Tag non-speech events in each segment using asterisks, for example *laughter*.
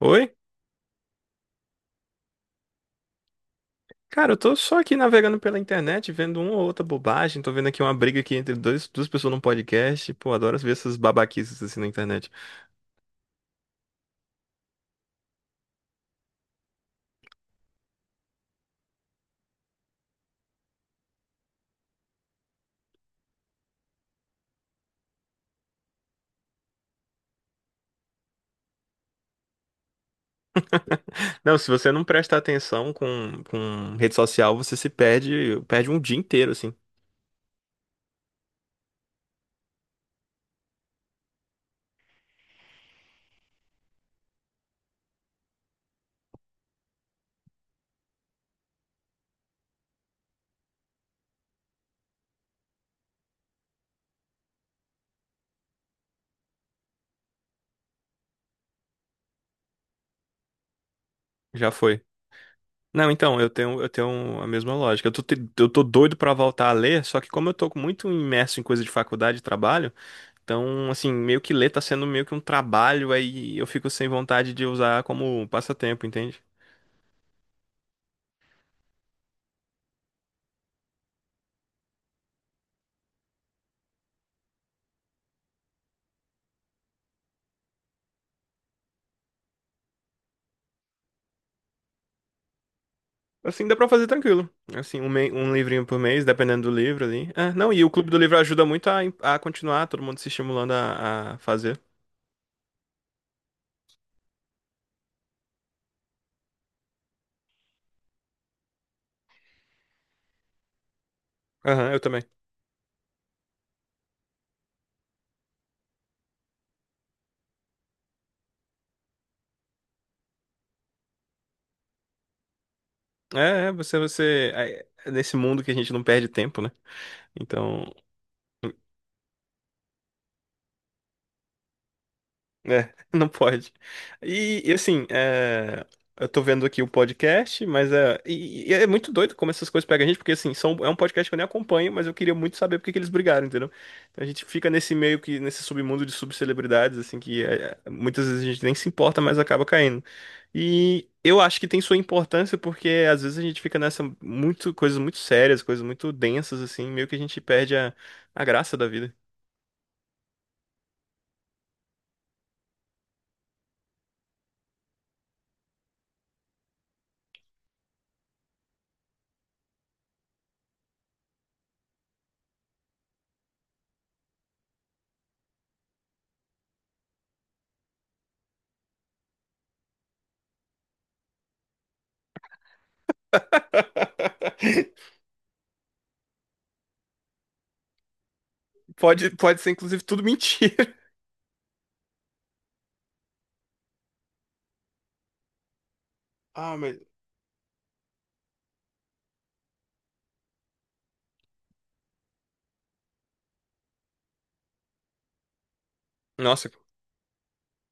Oi? Cara, eu tô só aqui navegando pela internet, vendo uma ou outra bobagem. Tô vendo aqui uma briga aqui entre duas pessoas num podcast. Pô, adoro ver essas babaquices assim na internet. Não, se você não presta atenção com rede social, você se perde um dia inteiro, assim. Já foi. Não, então, eu tenho a mesma lógica. Eu eu tô doido pra voltar a ler, só que como eu tô muito imerso em coisa de faculdade e trabalho, então, assim, meio que ler tá sendo meio que um trabalho, aí eu fico sem vontade de usar como passatempo, entende? Assim, dá pra fazer tranquilo. Assim, um livrinho por mês, dependendo do livro ali. É, não, e o Clube do Livro ajuda muito a continuar, todo mundo se estimulando a fazer. Aham, eu também. Você, você. É, é Nesse mundo que a gente não perde tempo, né? Então. É, *laughs* não pode. E, e, assim, é, eu tô vendo aqui o podcast, e é muito doido como essas coisas pegam a gente, porque assim, é um podcast que eu nem acompanho, mas eu queria muito saber por que que eles brigaram, entendeu? Então a gente fica nesse submundo de subcelebridades, assim, que muitas vezes a gente nem se importa, mas acaba caindo. E eu acho que tem sua importância, porque às vezes a gente fica coisas muito sérias, coisas muito densas, assim, meio que a gente perde a graça da vida. *laughs* Pode ser, inclusive, tudo mentira. Ah, mas. Nossa,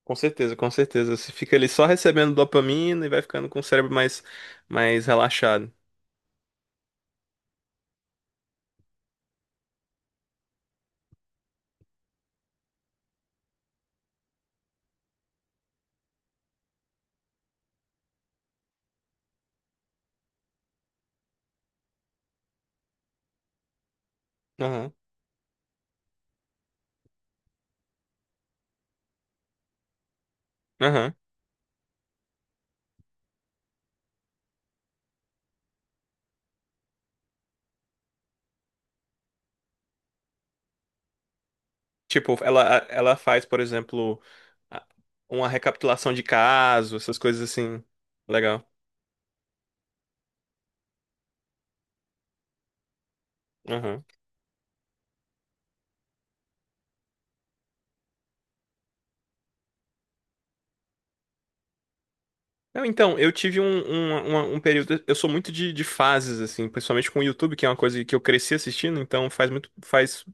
com certeza, com certeza. Você fica ali só recebendo dopamina e vai ficando com o cérebro mais relaxado. Aham, aham. Tipo, ela, ela faz, por exemplo, a- uma recapitulação de caso, essas coisas assim. Legal. Aham. Não, então, eu tive um período. Eu sou muito de fases, assim, principalmente com o YouTube, que é uma coisa que eu cresci assistindo, então faz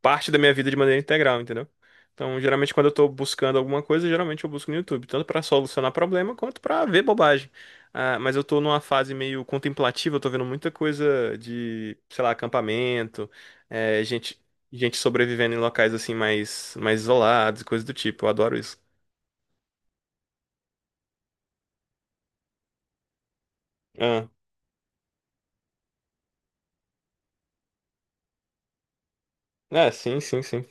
parte da minha vida de maneira integral, entendeu? Então, geralmente, quando eu tô buscando alguma coisa, geralmente eu busco no YouTube, tanto pra solucionar problema quanto pra ver bobagem. Ah, mas eu tô numa fase meio contemplativa, eu tô vendo muita coisa de, sei lá, acampamento, eh, gente, gente sobrevivendo em locais assim mais isolados, e coisas do tipo. Eu adoro isso. Ah, é, sim, sim, sim.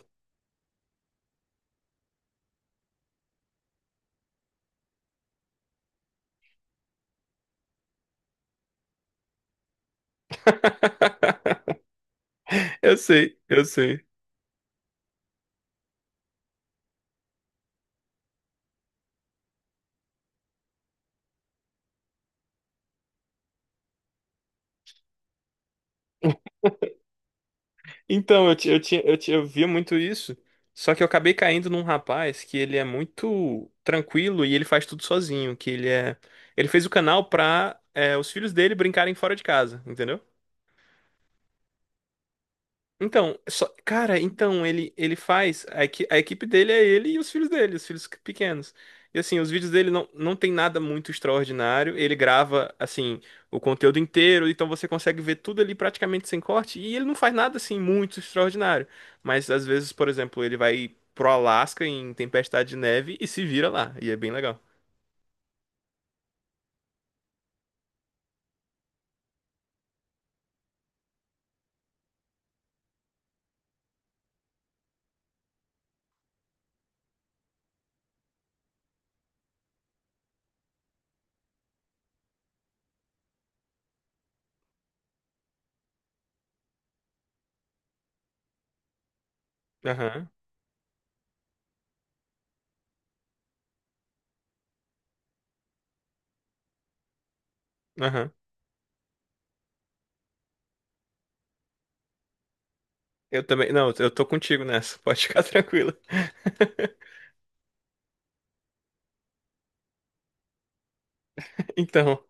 *laughs* Eu sei, eu sei. Então, eu, ti- eu, tinha- eu, ti- eu via muito isso, só que eu acabei caindo num rapaz que ele é muito tranquilo e ele faz tudo sozinho, que ele é... Ele fez o canal pra os filhos dele brincarem fora de casa, entendeu? Então, só, cara, então ele faz a equipe dele é ele e os filhos dele, os filhos pequenos. E assim, os vídeos dele não tem nada muito extraordinário. Ele grava assim o conteúdo inteiro, então você consegue ver tudo ali praticamente sem corte. E ele não faz nada assim muito extraordinário. Mas às vezes, por exemplo, ele vai pro Alasca em tempestade de neve e se vira lá. E é bem legal. Aham, aham. Eu também. Não, eu tô contigo nessa. Pode ficar *laughs* tranquila. *laughs* Então.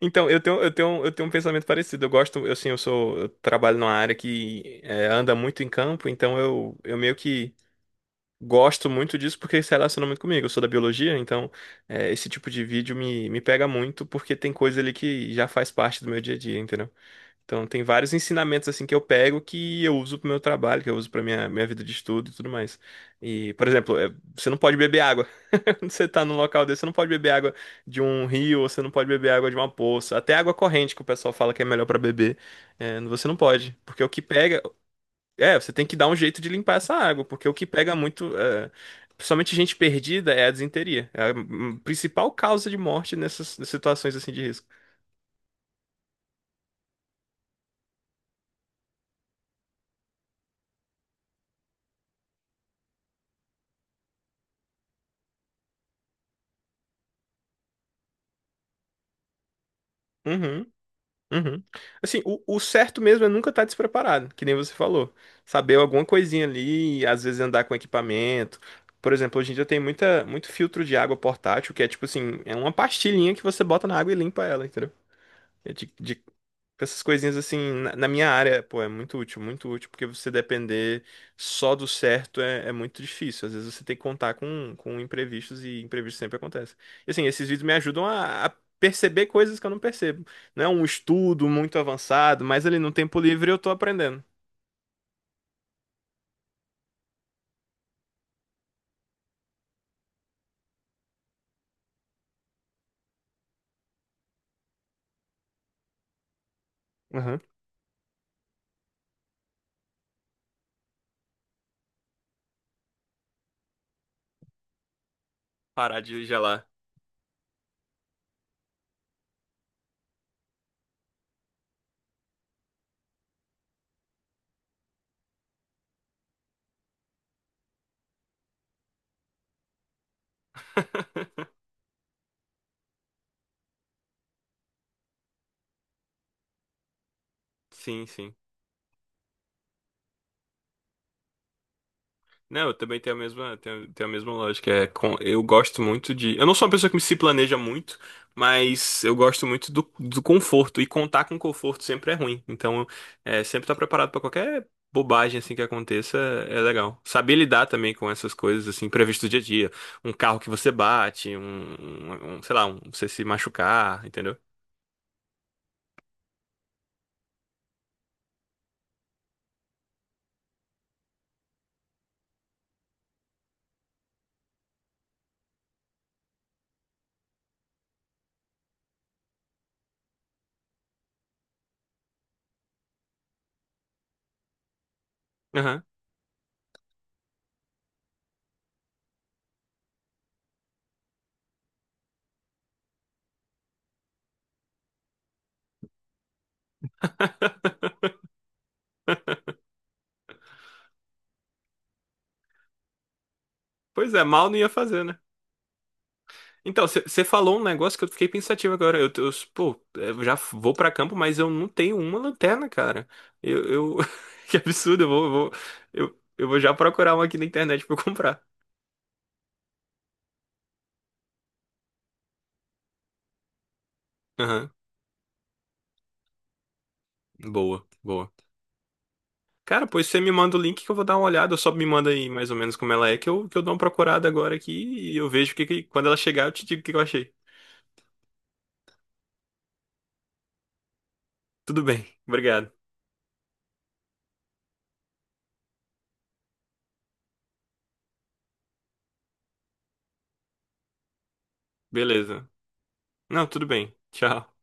Então, eu tenho um pensamento parecido. Eu gosto, eu, assim, eu trabalho numa área que é, anda muito em campo, então eu meio que gosto muito disso porque se relaciona muito comigo. Eu sou da biologia, então é, esse tipo de vídeo me pega muito porque tem coisa ali que já faz parte do meu dia a dia, entendeu? Então tem vários ensinamentos assim que eu pego que eu uso pro meu trabalho, que eu uso pra minha vida de estudo e tudo mais. E, por exemplo, é, você não pode beber água. Quando você tá num local desse, você não pode beber água de um rio, ou você não pode beber água de uma poça. Até água corrente, que o pessoal fala que é melhor pra beber. É, você não pode. Porque o que pega. É, você tem que dar um jeito de limpar essa água. Porque o que pega muito. É, principalmente gente perdida é a disenteria. É a principal causa de morte nessas situações assim de risco. Uhum. Uhum. Assim, o certo mesmo é nunca estar despreparado, que nem você falou. Saber alguma coisinha ali, às vezes andar com equipamento. Por exemplo, hoje em dia tem muito filtro de água portátil, que é tipo assim, é uma pastilhinha que você bota na água e limpa ela, entendeu? É de essas coisinhas assim, na minha área, pô, é muito útil, porque você depender só do certo é muito difícil. Às vezes você tem que contar com imprevistos e imprevistos sempre acontecem. E assim, esses vídeos me ajudam a perceber coisas que eu não percebo. Não é um estudo muito avançado, mas ali no tempo livre eu tô aprendendo. Aham. Parar de gelar. Sim, sim. Não, eu também tenho tenho, tenho a mesma lógica. É com, eu gosto muito de. Eu não sou uma pessoa que se planeja muito, mas eu gosto muito do conforto. E contar com conforto sempre é ruim. Então, é, sempre estar preparado para qualquer bobagem assim que aconteça é legal. Saber lidar também com essas coisas assim previstas do dia a dia. Um carro que você bate, sei lá, um, você se machucar, entendeu? Aham. *laughs* Pois é, mal não ia fazer, né? Então, você falou um negócio que eu fiquei pensativo agora. Pô, eu já vou pra campo, mas eu não tenho uma lanterna, cara. Eu, eu- *laughs* que absurdo, eu vou, eu vou já procurar uma aqui na internet pra eu comprar. Aham, boa, boa. Cara, pois você me manda o link que eu vou dar uma olhada. Só me manda aí mais ou menos como ela é, que eu dou uma procurada agora aqui e eu vejo que quando ela chegar eu te digo o que que eu achei. Tudo bem, obrigado. Beleza. Não, tudo bem. Tchau.